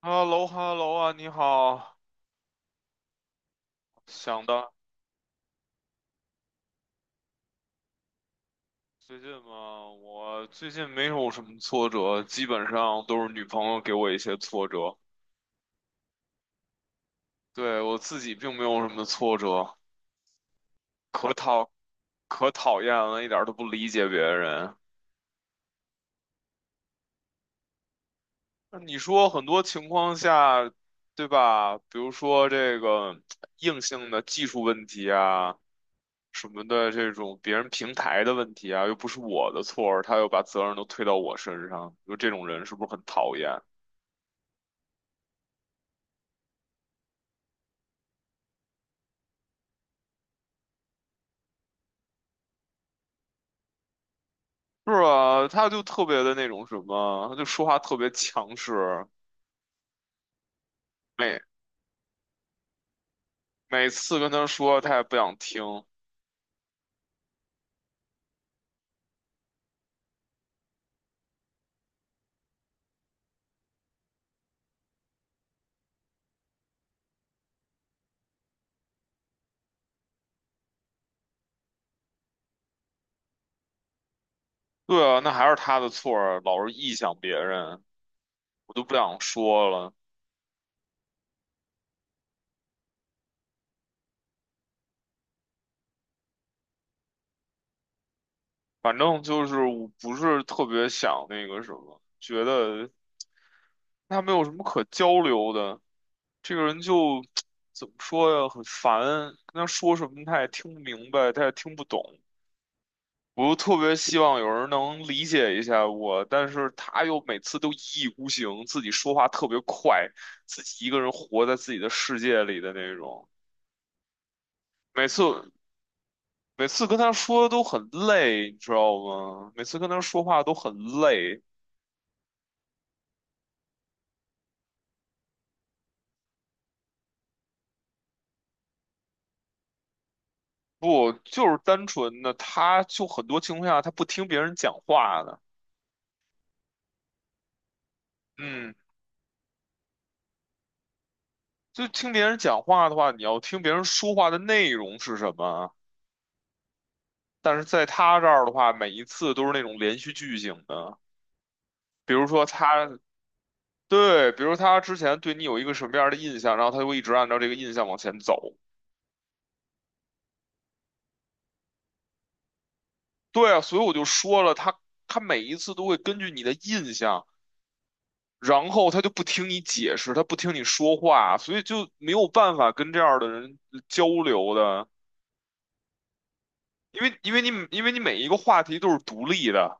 哈喽哈喽啊，你好。想的最近嘛，我最近没有什么挫折，基本上都是女朋友给我一些挫折。对，我自己并没有什么挫折，可讨可讨厌了一点儿都不理解别人。那你说很多情况下，对吧？比如说这个硬性的技术问题啊，什么的这种别人平台的问题啊，又不是我的错儿，他又把责任都推到我身上，就这种人是不是很讨厌？是啊，他就特别的那种什么，他就说话特别强势，每每次跟他说他也不想听。对啊，那还是他的错儿老是臆想别人，我都不想说了。反正就是我不是特别想那个什么，觉得他没有什么可交流的，这个人就 怎么说呀，很烦，跟他说什么他也听不明白，他也听不懂。我特别希望有人能理解一下我，但是他又每次都一意孤行，自己说话特别快，自己一个人活在自己的世界里的那种。每次每次跟他说都很累你知道吗？每次跟他说话都很累。不，就是单纯的，他就很多情况下他不听别人讲话的。嗯，就听别人讲话的话，你要听别人说话的内容是什么。但是在他这儿的话，每一次都是那种连续剧情的。比如说他对，比如他之前对你有一个什么样的印象，然后他就会一直按照这个印象往前走。对啊，所以我就说了，他每一次都会根据你的印象，然后他就不听你解释，他不听你说话，所以就没有办法跟这样的人交流的，因为你每一个话题都是独立的，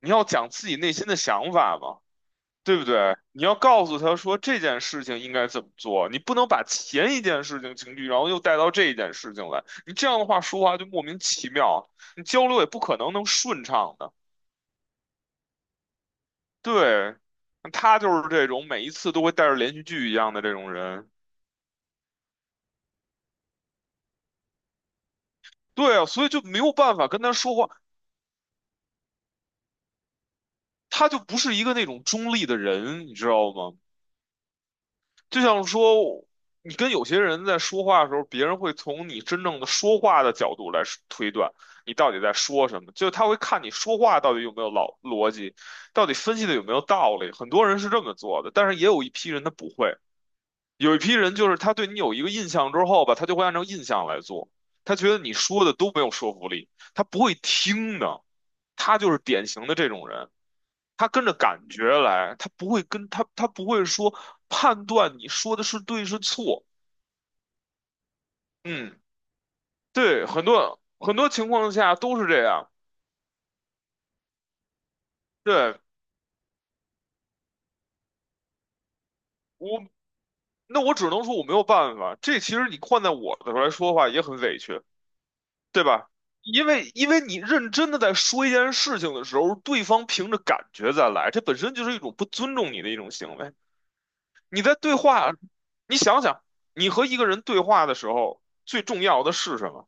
你要讲自己内心的想法嘛。对不对？你要告诉他说这件事情应该怎么做，你不能把前一件事情情绪，然后又带到这一件事情来。你这样的话说话就莫名其妙，你交流也不可能能顺畅的。对，他就是这种每一次都会带着连续剧一样的这种人。对啊，所以就没有办法跟他说话，他就不是一个那种中立的人，你知道吗？就像说，你跟有些人在说话的时候，别人会从你真正的说话的角度来说推断你到底在说什么，就他会看你说话到底有没有老逻辑，到底分析的有没有道理。很多人是这么做的，但是也有一批人他不会，有一批人就是他对你有一个印象之后吧，他就会按照印象来做，他觉得你说的都没有说服力，他不会听的，他就是典型的这种人。他跟着感觉来，他不会说判断你说的是对是错。嗯，对，很多很多情况下都是这样。对，我，那我只能说我没有办法。这其实你换在我的来说的话也很委屈，对吧？因为你认真的在说一件事情的时候，对方凭着感觉再来，这本身就是一种不尊重你的一种行为。你在对话，你想想，你和一个人对话的时候，最重要的是什么？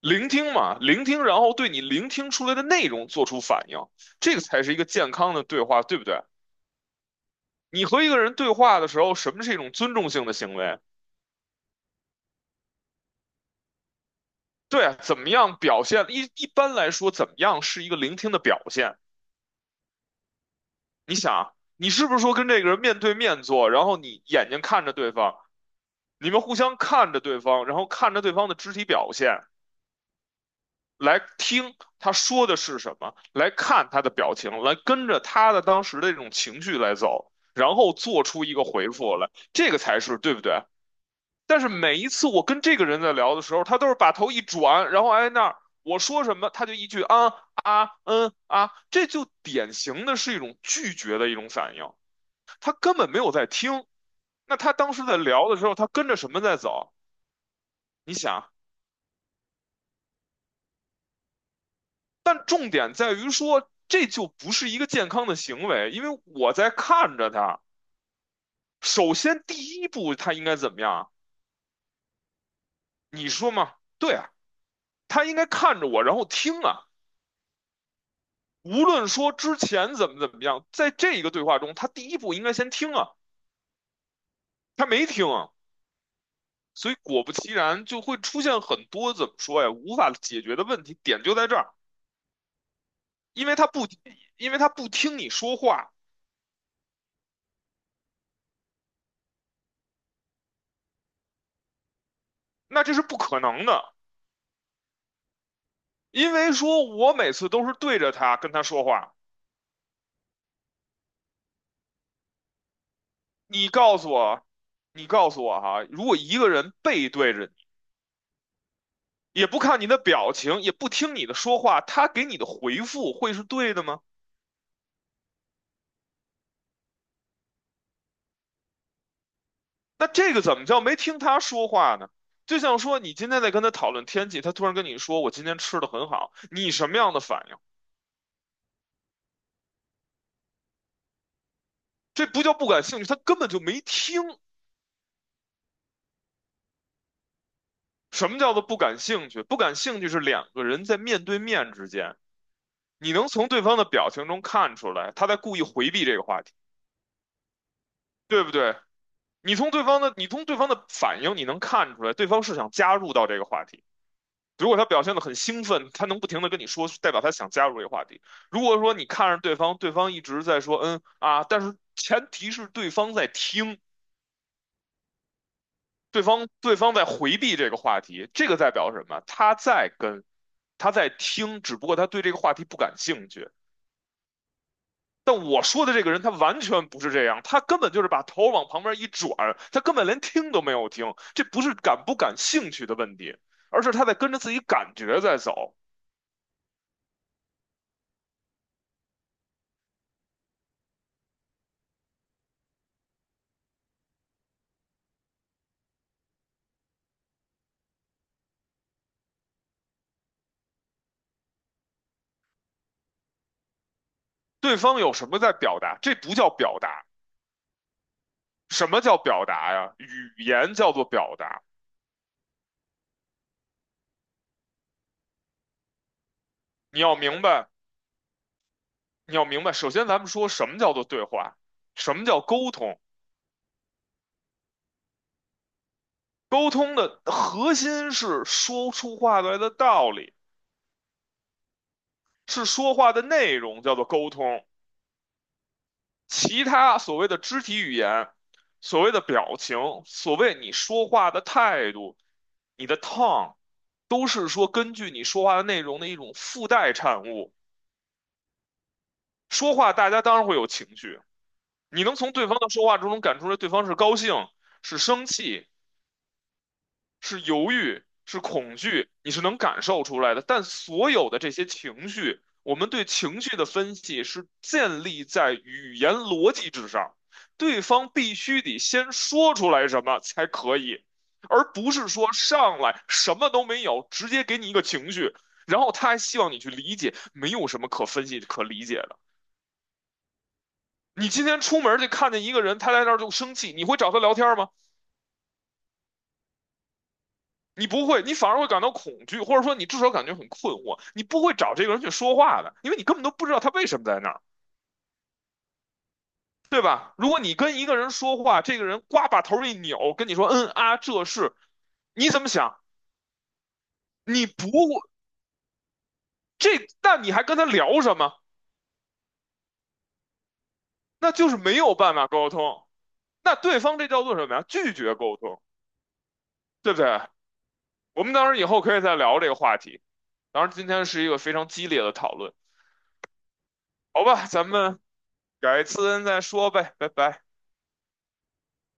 聆听嘛，聆听，然后对你聆听出来的内容做出反应，这个才是一个健康的对话，对不对？你和一个人对话的时候，什么是一种尊重性的行为？对啊怎么样表现？一般来说怎么样是一个聆听的表现？你想啊，你是不是说跟这个人面对面坐，然后你眼睛看着对方，你们互相看着对方，然后看着对方的肢体表现，来听他说的是什么，来看他的表情，来跟着他的当时的这种情绪来走，然后做出一个回复来，这个才是对不对？但是每一次我跟这个人在聊的时候，他都是把头一转，然后挨那儿，我说什么他就一句啊啊嗯啊，这就典型的是一种拒绝的一种反应，他根本没有在听。那他当时在聊的时候，他跟着什么在走？你想，但重点在于说，这就不是一个健康的行为，因为我在看着他。首先，第一步他应该怎么样啊你说嘛？对啊，他应该看着我，然后听啊。无论说之前怎么怎么样，在这一个对话中，他第一步应该先听啊，他没听啊，所以果不其然就会出现很多怎么说呀，无法解决的问题，点就在这儿，因为他不，因为他不听你说话，那这是不可能的，因为说我每次都是对着他跟他说话。你告诉我，你告诉我哈，如果一个人背对着你，也不看你的表情，也不听你的说话，他给你的回复会是对的吗？那这个怎么叫没听他说话呢？就像说你今天在跟他讨论天气，他突然跟你说我今天吃的很好，你什么样的反应？这不叫不感兴趣，他根本就没听。什么叫做不感兴趣？不感兴趣是两个人在面对面之间，你能从对方的表情中看出来，他在故意回避这个话题，对不对？你从对方的反应，你能看出来，对方是想加入到这个话题。如果他表现得很兴奋，他能不停地跟你说，代表他想加入这个话题。如果说你看着对方，对方一直在说嗯啊，但是前提是对方在听，对方在回避这个话题，这个代表什么？他在听，只不过他对这个话题不感兴趣。但我说的这个人，他完全不是这样，他根本就是把头往旁边一转，他根本连听都没有听。这不是感不感兴趣的问题，而是他在跟着自己感觉在走。对方有什么在表达？这不叫表达，什么叫表达呀？语言叫做表达。你要明白，你要明白。首先，咱们说什么叫做对话，什么叫沟通？沟通的核心是说出话来的道理，是说话的内容叫做沟通。其他所谓的肢体语言、所谓的表情、所谓你说话的态度、你的 tone，都是说根据你说话的内容的一种附带产物。说话大家当然会有情绪，你能从对方的说话之中能感出来对方是高兴、是生气、是犹豫，是恐惧，你是能感受出来的。但所有的这些情绪，我们对情绪的分析是建立在语言逻辑之上，对方必须得先说出来什么才可以，而不是说上来什么都没有，直接给你一个情绪，然后他还希望你去理解，没有什么可分析可理解的。你今天出门就看见一个人，他在那儿就生气，你会找他聊天吗？你不会，你反而会感到恐惧，或者说你至少感觉很困惑。你不会找这个人去说话的，因为你根本都不知道他为什么在那儿，对吧？如果你跟一个人说话，这个人呱把头一扭，跟你说“嗯啊，这是”，你怎么想？你不这，那你还跟他聊什么？那就是没有办法沟通。那对方这叫做什么呀？拒绝沟通，对不对？我们当然以后可以再聊这个话题。当然，今天是一个非常激烈的讨论，好吧？咱们改次再说呗，拜拜。